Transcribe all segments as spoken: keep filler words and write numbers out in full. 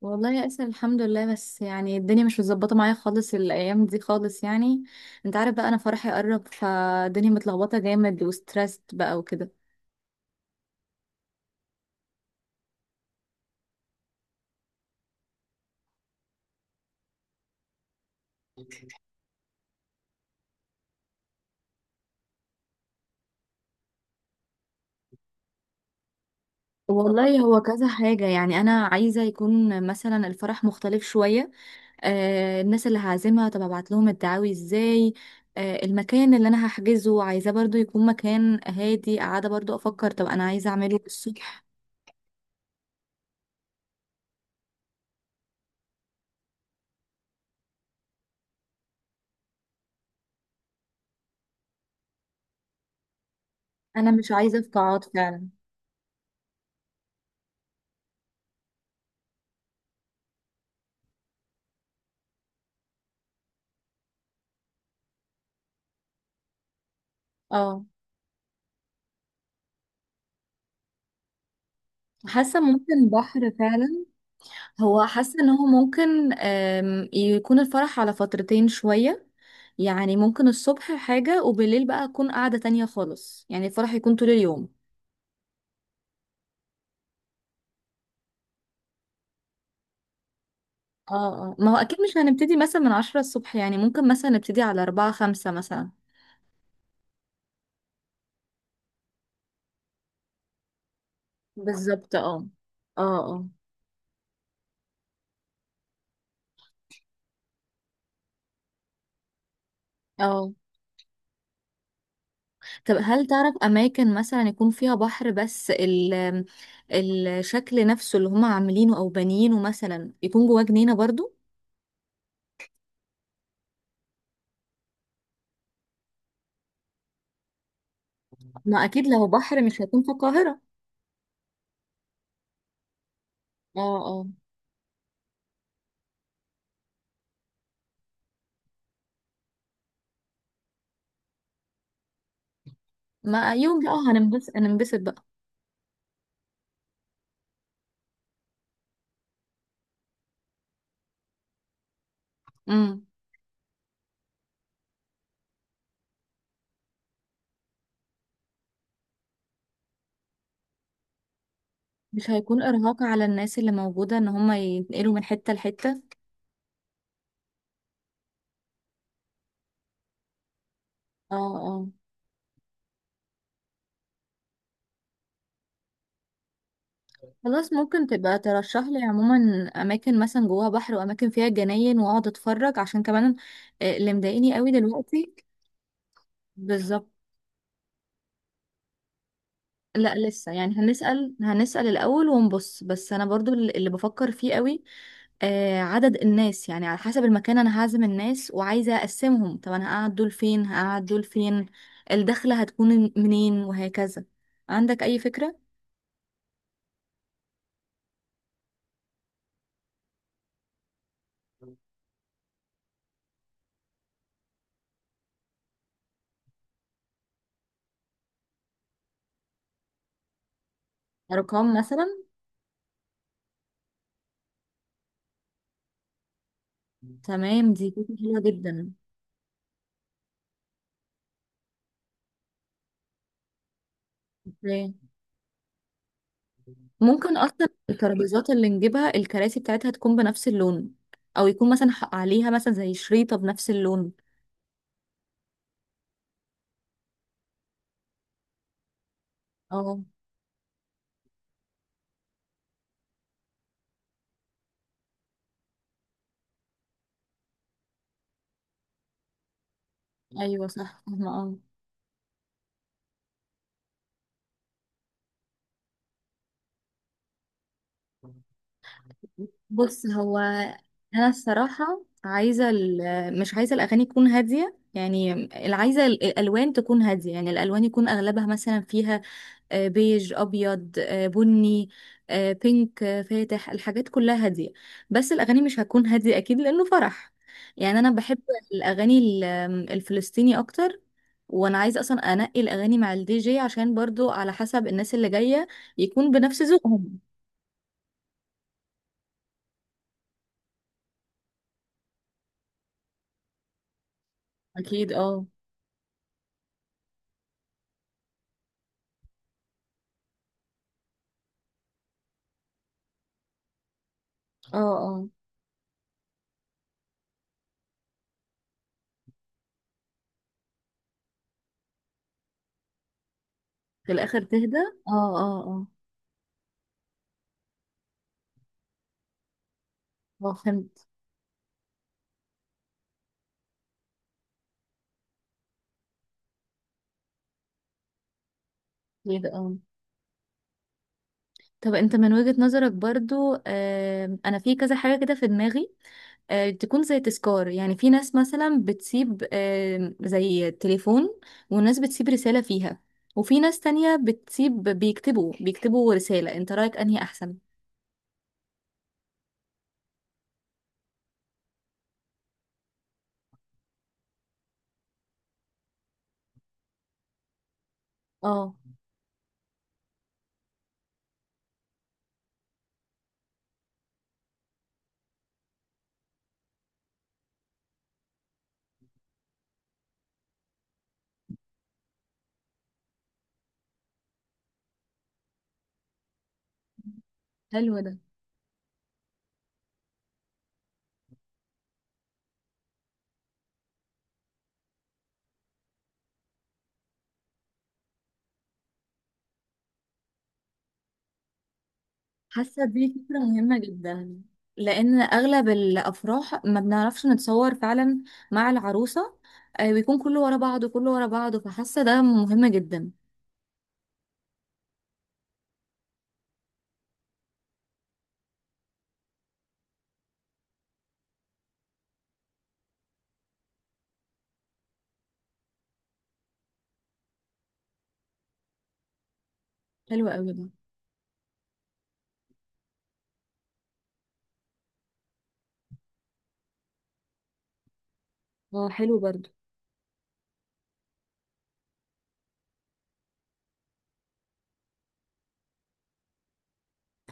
والله يا اسر الحمد لله بس يعني الدنيا مش متظبطه معايا خالص الايام دي خالص يعني انت عارف بقى انا فرحي قرب فالدنيا متلخبطه جامد وستريسد بقى وكده. والله هو كذا حاجة، يعني أنا عايزة يكون مثلا الفرح مختلف شوية. آه الناس اللي هعزمها، طب أبعت لهم الدعاوي إزاي؟ آه المكان اللي أنا هحجزه عايزاه برضو يكون مكان هادي، قاعدة برضو أفكر طب أنا عايزة أعمله الصبح. أنا مش عايزة في قاعات فعلا. اه، حاسة ممكن بحر فعلا. هو حاسة ان هو ممكن آم، يكون الفرح على فترتين شوية، يعني ممكن الصبح حاجة وبالليل بقى أكون قاعدة تانية خالص، يعني الفرح يكون طول اليوم. اه اه، ما هو أكيد مش هنبتدي مثلا من عشرة الصبح، يعني ممكن مثلا نبتدي على أربعة خمسة مثلا. بالظبط اه. اه اه اه. طب هل تعرف أماكن مثلا يكون فيها بحر بس ال الشكل نفسه اللي هما عاملينه أو بانيينه مثلا يكون جواه جنينة برضو؟ ما أكيد لو بحر مش هيكون في القاهرة. اه اه. ما يوم بقى، هننبسط هننبسط بقى. امم، مش هيكون إرهاق على الناس اللي موجودة إن هما ينقلوا من حتة لحتة؟ اه اه. خلاص ممكن تبقى ترشح لي عموما أماكن مثلا جواها بحر وأماكن فيها جناين وأقعد أتفرج، عشان كمان آه، اللي مضايقني قوي دلوقتي. بالظبط. لا لسه، يعني هنسأل هنسأل الأول ونبص، بس أنا برضو اللي بفكر فيه قوي آه عدد الناس، يعني على حسب المكان أنا هعزم الناس وعايزة أقسمهم، طب أنا هقعد دول فين، هقعد دول فين، الدخلة هتكون منين، وهكذا. عندك أي فكرة؟ أرقام مثلا؟ تمام، دي فكرة حلوة جدا. أوكي. ممكن أصلا الترابيزات اللي نجيبها، الكراسي بتاعتها تكون بنفس اللون، أو يكون مثلا ح- عليها مثلا زي شريطة بنفس اللون. اه ايوه صح، فاهمة اه. بص هو، انا الصراحه عايزه ال- مش عايزه الاغاني تكون هاديه، يعني اللي عايزه ال- الالوان تكون هاديه، يعني الالوان يكون اغلبها مثلا فيها آه، بيج، ابيض، آه، بني، آه، بينك، آه، فاتح، الحاجات كلها هاديه. بس الاغاني مش هتكون هاديه اكيد، لانه فرح. يعني انا بحب الاغاني ال- آمم، الفلسطيني اكتر، وانا عايزه اصلا انقي الاغاني مع الدي جي، عشان برضو على حسب الناس اللي جايه يكون بنفس ذوقهم. اكيد اه. اه في الاخر تهدى، اه اه اه. اه فهمت. ليه ده؟ اه طب انت من وجهة نظرك برضو، آه انا في كذا حاجة كده في دماغي. آه تكون زي تذكار، يعني في ناس مثلا بتسيب آه زي تليفون، وناس بتسيب رسالة فيها، وفي ناس تانية بتسيب بيكتبوا بيكتبوا رسالة، انت رأيك انهي احسن؟ اه حلو ده. حاسة دي فكرة مهمة جدا، لأن أغلب الأفراح ما بنعرفش نتصور فعلا مع العروسة. آه، بيكون كله ورا بعضه كله ورا بعضه، فحاسة ده مهم جدا. حلو قوي ده. اه حلو برضو.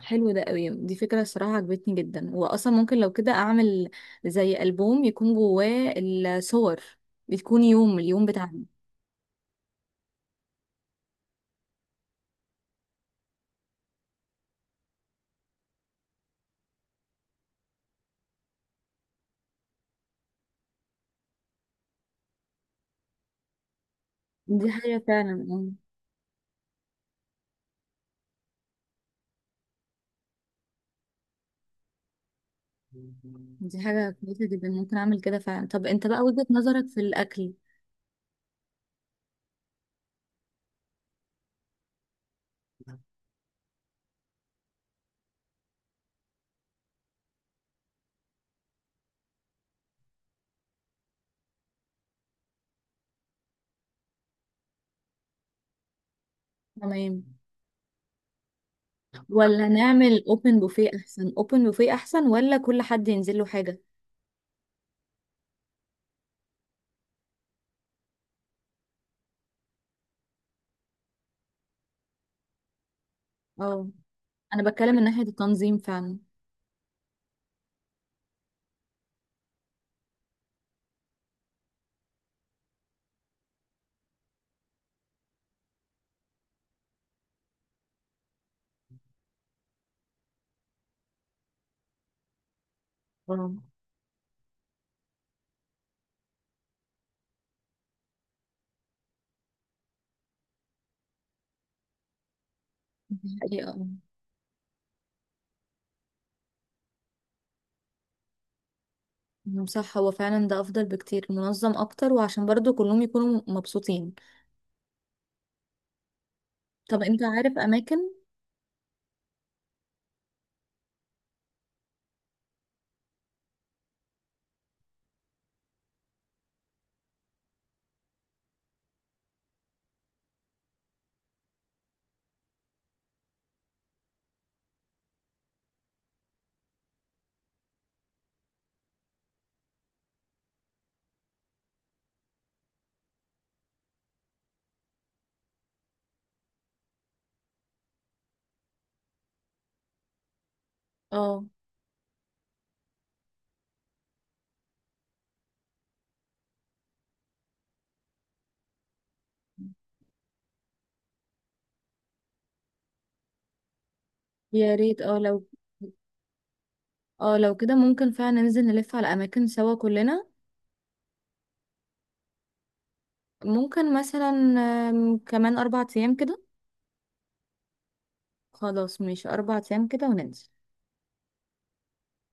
حلو ده قوي، دي فكرة الصراحة عجبتني جدا، وأصلا ممكن لو كده أعمل زي ألبوم يكون جواه الصور، بتكون يوم اليوم بتاعنا. دي حاجة فعلا آه، دي حاجة كويسة جدا، ممكن أعمل كده فعلا. طب أنت بقى وجهة نظرك في الأكل؟ تمام. ولا نعمل اوبن بوفيه احسن؟ اوبن بوفيه احسن ولا كل حد ينزل له حاجه؟ اه انا بتكلم من ناحيه التنظيم فعلا. اه دي حقيقة اه. مم، صح، هو فعلا ده افضل بكتير، منظم اكتر وعشان برضو كلهم يكونوا مبسوطين. طب انت عارف اماكن؟ اه يا ريت. اه لو اه لو كده ممكن فعلا ننزل نلف على اماكن سوا كلنا. ممكن مثلا آم، كمان اربع ايام كده. خلاص ماشي اربع ايام كده وننزل.